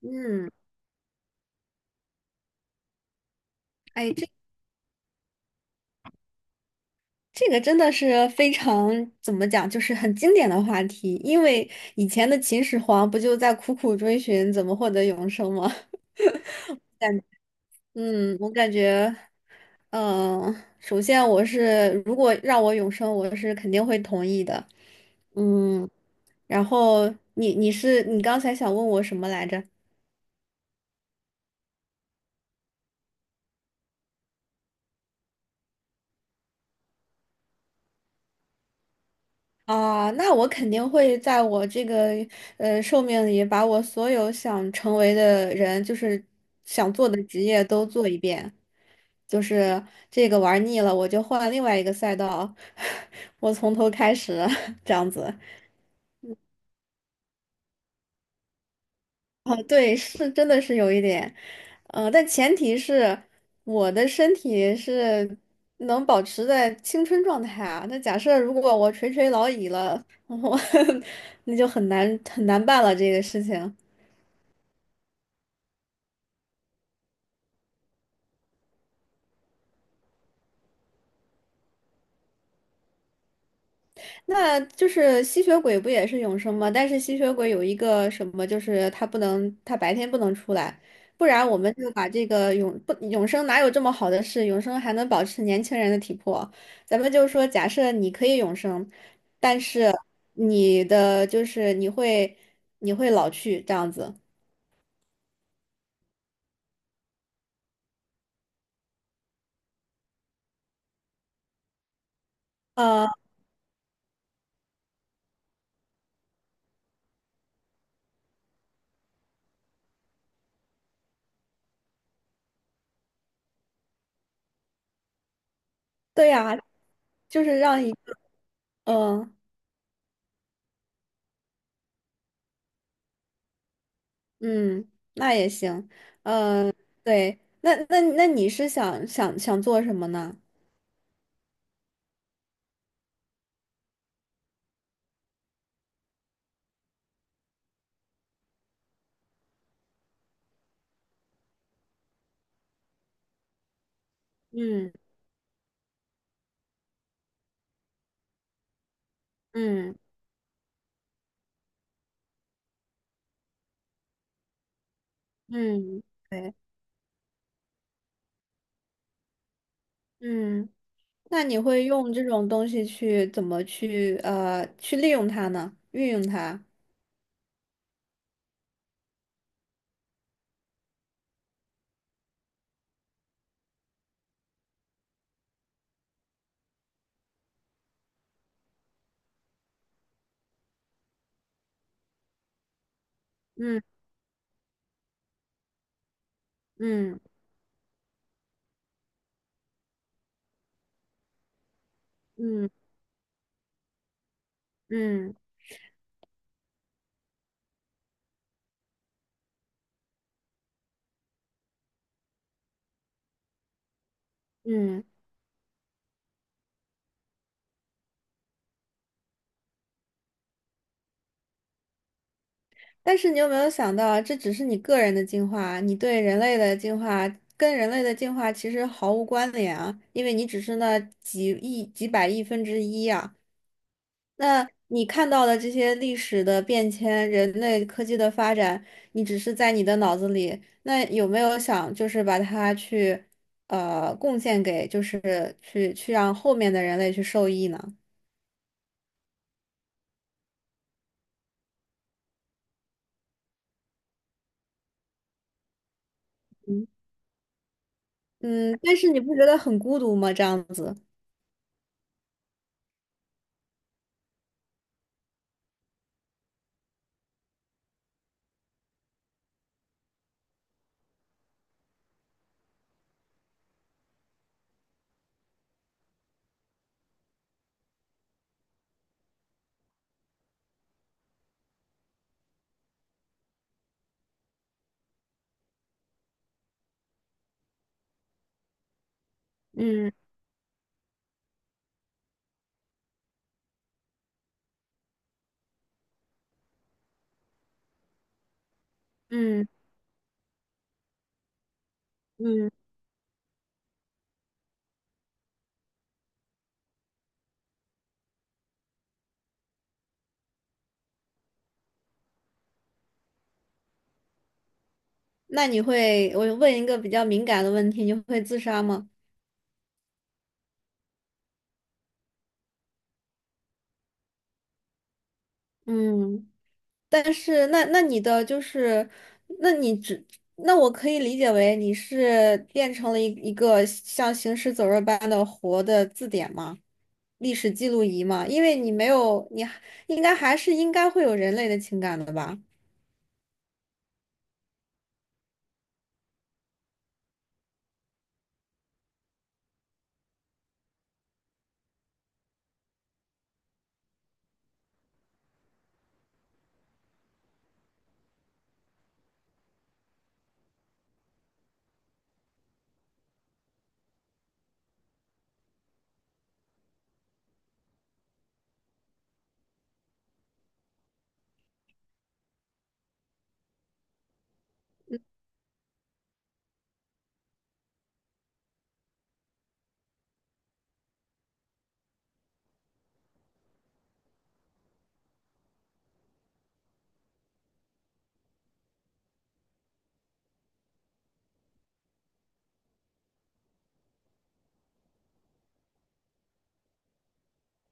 嗯，哎，这个真的是非常怎么讲，就是很经典的话题。因为以前的秦始皇不就在苦苦追寻怎么获得永生吗？嗯，我感觉，嗯、首先我是如果让我永生，我是肯定会同意的。嗯，然后你刚才想问我什么来着？啊，那我肯定会在我这个寿命里，把我所有想成为的人，就是想做的职业都做一遍。就是这个玩腻了，我就换另外一个赛道，我从头开始，这样子。哦，对，是真的是有一点，但前提是我的身体是能保持在青春状态啊。那假设如果我垂垂老矣了，我 那就很难很难办了这个事情。那就是吸血鬼不也是永生吗？但是吸血鬼有一个什么，就是他不能，他白天不能出来，不然我们就把这个永不永生哪有这么好的事？永生还能保持年轻人的体魄。咱们就说，假设你可以永生，但是就是你会老去这样子。啊？对呀，就是让一嗯嗯，那也行。对，那你是想做什么呢？嗯。嗯嗯，对，嗯，那你会用这种东西去怎么去利用它呢？运用它？嗯嗯嗯嗯嗯，但是你有没有想到啊这只是你个人的进化，你对人类的进化跟人类的进化其实毫无关联啊，因为你只是那几亿、几百亿分之一啊。那你看到的这些历史的变迁、人类科技的发展，你只是在你的脑子里，那有没有想就是把它去贡献给，就是去去让后面的人类去受益呢？嗯，但是你不觉得很孤独吗？这样子。嗯嗯嗯。那你会，我问一个比较敏感的问题，你会自杀吗？嗯，但是那你的就是，那你只，那我可以理解为你是变成了一个像行尸走肉般的活的字典吗？历史记录仪吗？因为你没有，你还应该会有人类的情感的吧？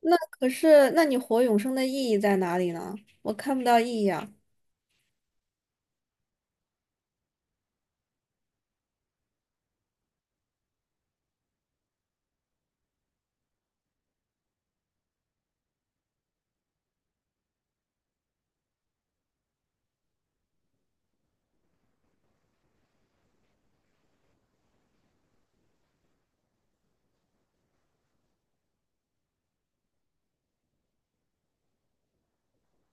那可是，那你活永生的意义在哪里呢？我看不到意义啊。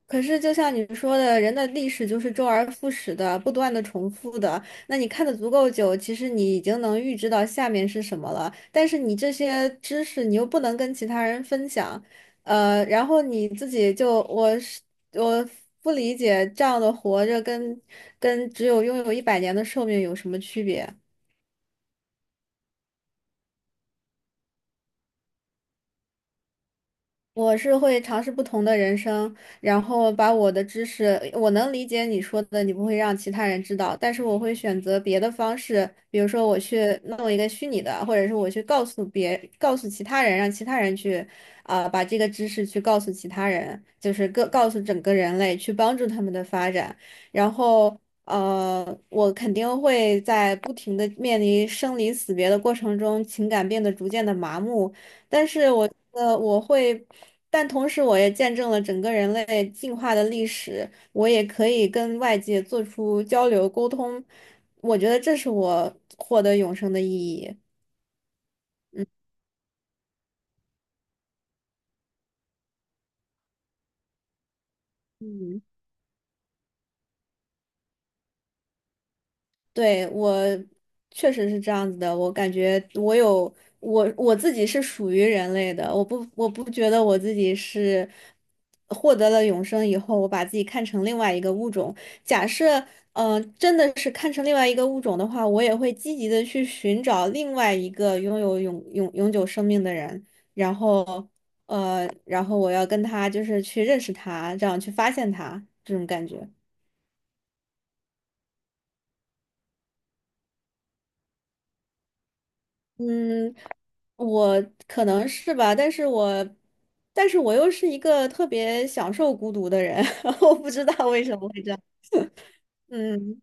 可是，就像你说的，人的历史就是周而复始的，不断的重复的。那你看的足够久，其实你已经能预知到下面是什么了。但是你这些知识，你又不能跟其他人分享，然后你自己就，我不理解这样的活着跟只有拥有100年的寿命有什么区别。我是会尝试不同的人生，然后把我的知识，我能理解你说的，你不会让其他人知道，但是我会选择别的方式，比如说我去弄一个虚拟的，或者是我去告诉别，告诉其他人，让其他人去，啊、把这个知识去告诉其他人，就是各告诉整个人类，去帮助他们的发展，然后。我肯定会在不停的面临生离死别的过程中，情感变得逐渐的麻木，但是我觉得我会，但同时我也见证了整个人类进化的历史，我也可以跟外界做出交流沟通，我觉得这是我获得永生的意义。嗯。对，我确实是这样子的，我感觉我有我自己是属于人类的，我不觉得我自己是获得了永生以后，我把自己看成另外一个物种。假设真的是看成另外一个物种的话，我也会积极的去寻找另外一个拥有永久生命的人，然后然后我要跟他就是去认识他，这样去发现他这种感觉。嗯，我可能是吧，但是我，但是我又是一个特别享受孤独的人，我不知道为什么会这样。嗯，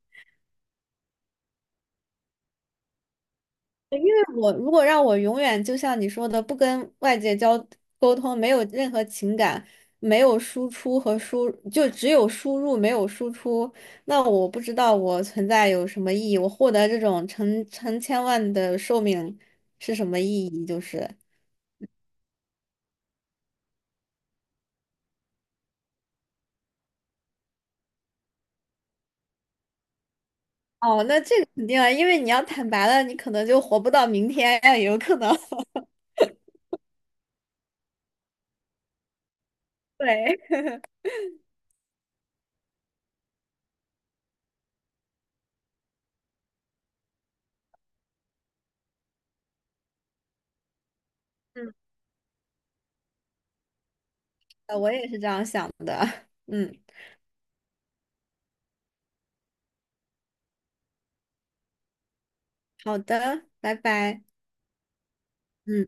但我如果让我永远就像你说的，不跟外界交沟通，没有任何情感，没有输出和输，就只有输入没有输出，那我不知道我存在有什么意义，我获得这种成千万的寿命是什么意义？就是。哦，那这个肯定啊，因为你要坦白了，你可能就活不到明天也有可能。对，嗯，我也是这样想的。嗯，好的，拜拜。嗯。